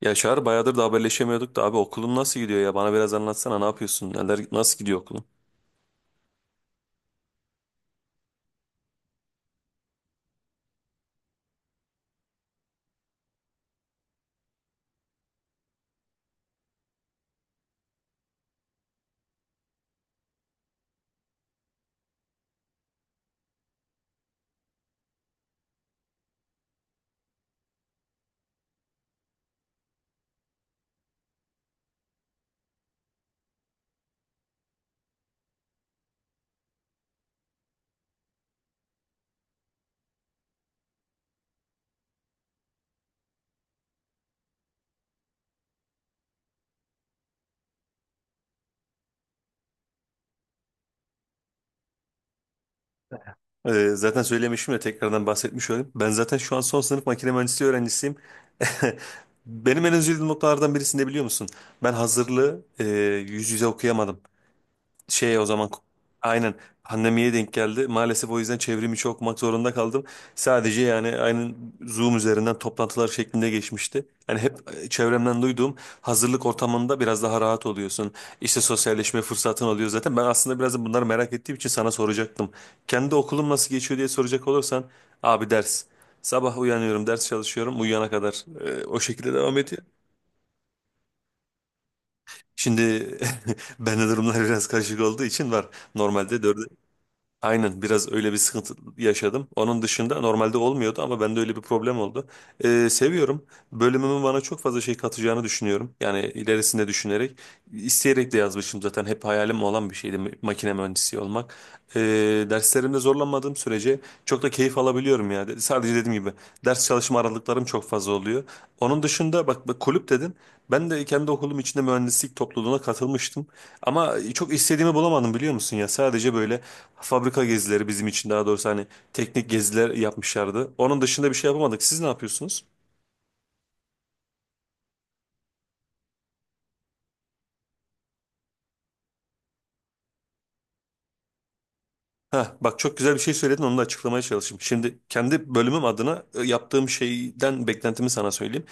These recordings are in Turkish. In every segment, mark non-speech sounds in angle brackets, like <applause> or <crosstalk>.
Ya Çağrı bayağıdır da haberleşemiyorduk da abi, okulun nasıl gidiyor ya? Bana biraz anlatsana, ne yapıyorsun? Neler, nasıl gidiyor okulun? Zaten söylemişim de tekrardan bahsetmiş olayım. Ben zaten şu an son sınıf makine mühendisliği öğrencisiyim. <laughs> Benim en üzüldüğüm noktalardan birisini de biliyor musun? Ben hazırlığı yüz yüze okuyamadım. Şey, o zaman aynen, pandemiye denk geldi. Maalesef o yüzden çevrimi içi okumak zorunda kaldım. Sadece yani aynen Zoom üzerinden toplantılar şeklinde geçmişti. Yani hep, çevremden duyduğum hazırlık ortamında biraz daha rahat oluyorsun. İşte sosyalleşme fırsatın oluyor zaten. Ben aslında biraz da bunları merak ettiğim için sana soracaktım. Kendi okulum nasıl geçiyor diye soracak olursan abi, ders. Sabah uyanıyorum, ders çalışıyorum, uyuyana kadar o şekilde devam ediyor. Şimdi <laughs> ben de durumlar biraz karışık olduğu için var. Normalde dört Aynen, biraz öyle bir sıkıntı yaşadım. Onun dışında normalde olmuyordu ama bende öyle bir problem oldu. Seviyorum, bölümümün bana çok fazla şey katacağını düşünüyorum. Yani ilerisinde düşünerek, isteyerek de yazmışım, zaten hep hayalim olan bir şeydi makine mühendisi olmak. Ee, Derslerimde zorlanmadığım sürece çok da keyif alabiliyorum ya. Sadece dediğim gibi, ders çalışma aralıklarım çok fazla oluyor. Onun dışında bak, bak, kulüp dedin. Ben de kendi okulum içinde mühendislik topluluğuna katılmıştım. Ama çok istediğimi bulamadım, biliyor musun ya. Sadece böyle fabrika gezileri bizim için, daha doğrusu hani teknik geziler yapmışlardı. Onun dışında bir şey yapamadık. Siz ne yapıyorsunuz? Ha, bak, çok güzel bir şey söyledin, onu da açıklamaya çalışayım. Şimdi kendi bölümüm adına yaptığım şeyden beklentimi sana söyleyeyim.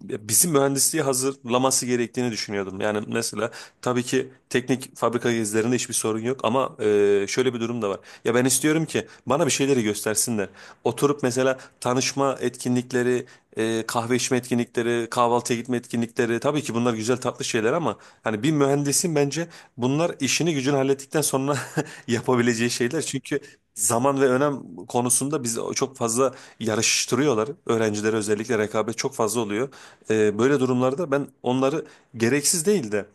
Bizim mühendisliği hazırlaması gerektiğini düşünüyordum. Yani mesela tabii ki teknik fabrika gezilerinde hiçbir sorun yok ama şöyle bir durum da var. Ya ben istiyorum ki bana bir şeyleri göstersinler. Oturup mesela tanışma etkinlikleri, kahve içme etkinlikleri, kahvaltıya gitme etkinlikleri, tabii ki bunlar güzel tatlı şeyler ama hani bir mühendisin bence bunlar işini gücünü hallettikten sonra yapabileceği şeyler. Çünkü zaman ve önem konusunda bizi çok fazla yarıştırıyorlar. Öğrencilere özellikle rekabet çok fazla oluyor. Böyle durumlarda ben onları gereksiz değil de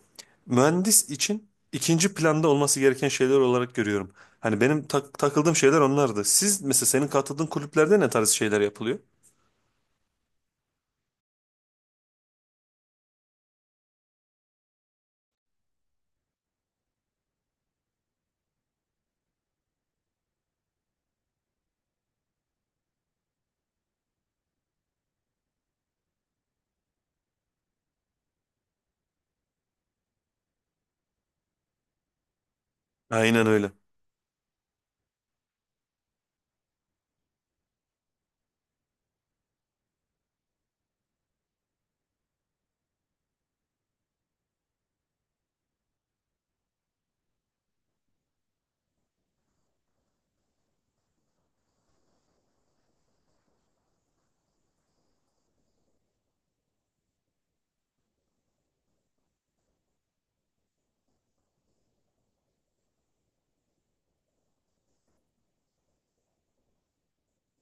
mühendis için ikinci planda olması gereken şeyler olarak görüyorum. Hani benim takıldığım şeyler onlardı. Siz mesela, senin katıldığın kulüplerde ne tarz şeyler yapılıyor? Aynen öyle.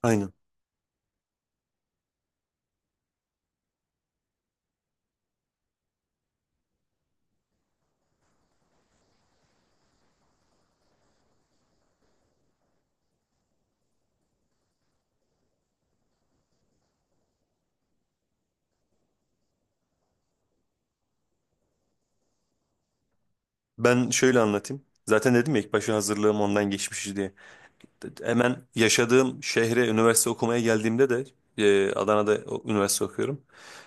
Aynen. Ben şöyle anlatayım. Zaten dedim ya, ilk başta hazırlığım ondan geçmiş diye. Hemen yaşadığım şehre üniversite okumaya geldiğimde de, Adana'da üniversite okuyorum.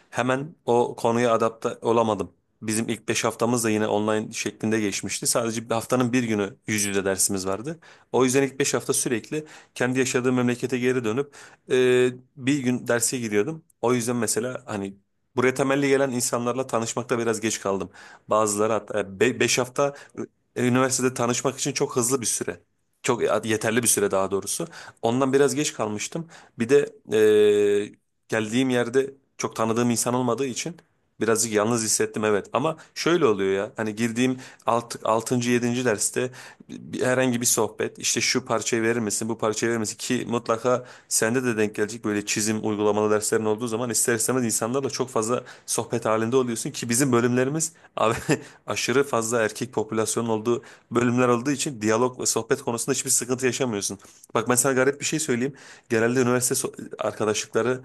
Hemen o konuya adapte olamadım. Bizim ilk 5 haftamız da yine online şeklinde geçmişti. Sadece bir haftanın bir günü yüz yüze dersimiz vardı. O yüzden ilk 5 hafta sürekli kendi yaşadığım memlekete geri dönüp e, bir gün derse giriyordum. O yüzden mesela hani buraya temelli gelen insanlarla tanışmakta biraz geç kaldım. Bazıları hatta 5 hafta, üniversitede tanışmak için çok hızlı bir süre. Çok yeterli bir süre daha doğrusu. Ondan biraz geç kalmıştım. Bir de e, geldiğim yerde çok tanıdığım insan olmadığı için birazcık yalnız hissettim, evet. Ama şöyle oluyor ya, hani girdiğim 6. yedinci derste herhangi bir sohbet, işte şu parçayı verir misin, bu parçayı verir misin, ki mutlaka sende de denk gelecek, böyle çizim uygulamalı derslerin olduğu zaman ister istemez insanlarla çok fazla sohbet halinde oluyorsun ki bizim bölümlerimiz abi, <laughs> aşırı fazla erkek popülasyonun olduğu bölümler olduğu için diyalog ve sohbet konusunda hiçbir sıkıntı yaşamıyorsun. Bak, ben sana garip bir şey söyleyeyim. Genelde üniversite arkadaşlıkları,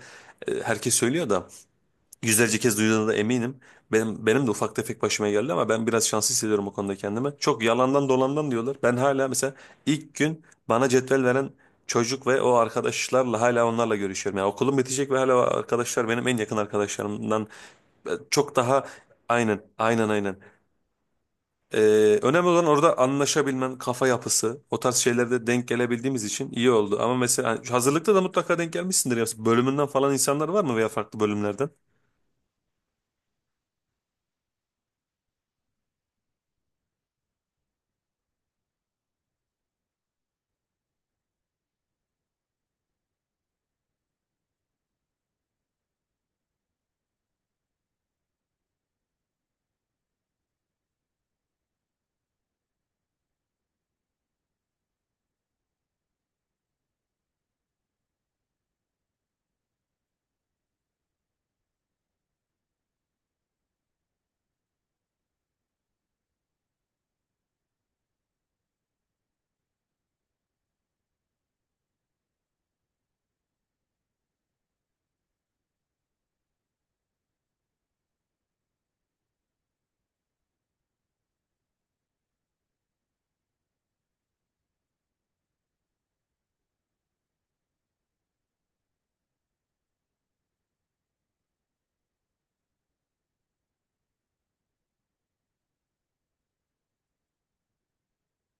herkes söylüyor da yüzlerce kez duyduğuna da eminim. Benim de ufak tefek başıma geldi ama ben biraz şanslı hissediyorum o konuda kendimi. Çok yalandan dolandan diyorlar. Ben hala mesela ilk gün bana cetvel veren çocuk ve o arkadaşlarla, hala onlarla görüşüyorum. Yani okulum bitecek ve hala o arkadaşlar benim en yakın arkadaşlarımdan. E, çok daha Aynen, aynen, aynen. Önemli olan orada anlaşabilmen, kafa yapısı, o tarz şeylerde denk gelebildiğimiz için iyi oldu. Ama mesela hani hazırlıkta da mutlaka denk gelmişsindir ya. Bölümünden falan insanlar var mı veya farklı bölümlerden?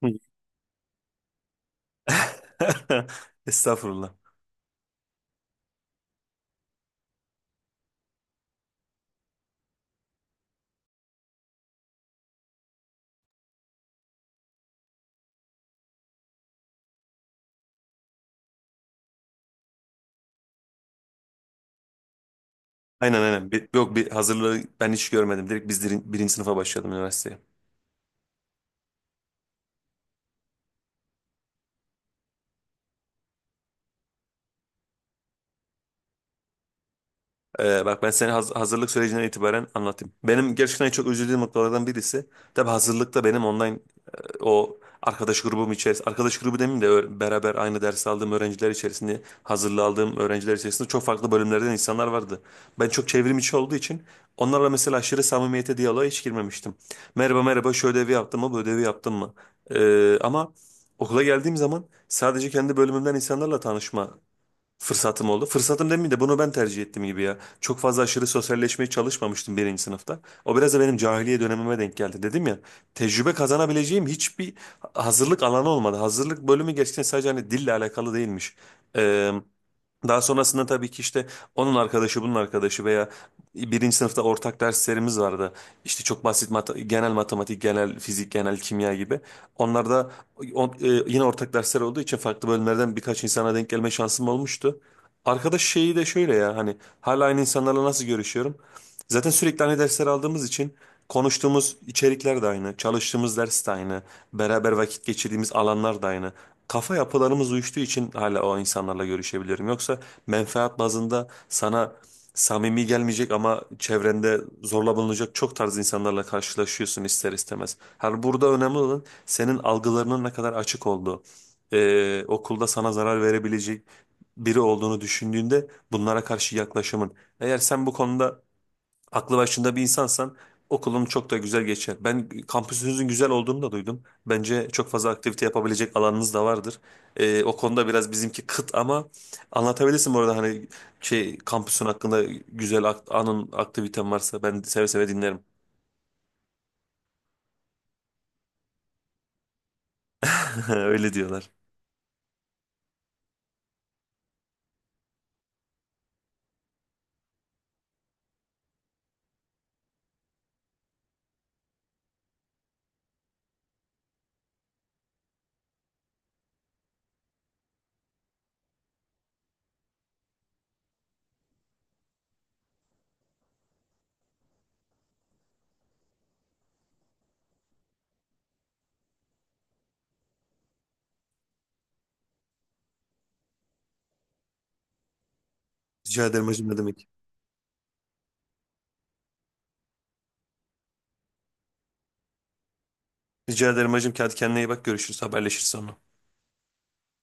Hı. <laughs> Estağfurullah. Aynen, aynen. Yok, bir hazırlığı ben hiç görmedim. Direkt biz birinci sınıfa başladım üniversiteye. Bak, ben seni hazırlık sürecinden itibaren anlatayım. Benim gerçekten çok üzüldüğüm noktalardan birisi. Tabii hazırlıkta benim online o arkadaş grubum içerisinde, arkadaş grubu demeyeyim de beraber aynı ders aldığım öğrenciler içerisinde, hazırlı aldığım öğrenciler içerisinde çok farklı bölümlerden insanlar vardı. Ben çok çevrim içi olduğu için onlarla mesela aşırı samimiyete, diyaloğa hiç girmemiştim. Merhaba merhaba, şu ödevi yaptın mı, bu ödevi yaptın mı? Ama okula geldiğim zaman sadece kendi bölümümden insanlarla tanışma fırsatım oldu. Fırsatım demeyeyim de bunu ben tercih ettim gibi ya. Çok fazla aşırı sosyalleşmeye çalışmamıştım birinci sınıfta. O biraz da benim cahiliye dönemime denk geldi. Dedim ya, tecrübe kazanabileceğim hiçbir hazırlık alanı olmadı. Hazırlık bölümü gerçekten sadece hani dille alakalı değilmiş. Daha sonrasında tabii ki işte onun arkadaşı bunun arkadaşı veya birinci sınıfta ortak derslerimiz vardı. İşte çok basit, genel matematik, genel fizik, genel kimya gibi. Onlar da yine ortak dersler olduğu için farklı bölümlerden birkaç insana denk gelme şansım olmuştu. Arkadaş şeyi de şöyle ya, hani hala aynı insanlarla nasıl görüşüyorum? Zaten sürekli aynı dersler aldığımız için konuştuğumuz içerikler de aynı, çalıştığımız ders de aynı, beraber vakit geçirdiğimiz alanlar da aynı, kafa yapılarımız uyuştuğu için hala o insanlarla görüşebilirim. Yoksa menfaat bazında sana samimi gelmeyecek ama çevrende zorla bulunacak çok tarz insanlarla karşılaşıyorsun ister istemez. Her burada önemli olan senin algılarının ne kadar açık olduğu. Okulda sana zarar verebilecek biri olduğunu düşündüğünde bunlara karşı yaklaşımın. Eğer sen bu konuda aklı başında bir insansan okulun çok da güzel geçer. Ben kampüsünüzün güzel olduğunu da duydum. Bence çok fazla aktivite yapabilecek alanınız da vardır. O konuda biraz bizimki kıt ama anlatabilirsin bu arada, hani şey, kampüsün hakkında güzel aktiviten varsa ben seve seve dinlerim. <laughs> Öyle diyorlar. Rica ederim hacım, ne demek. Rica ederim hacım. Hadi kendine iyi bak, görüşürüz, haberleşiriz sonra.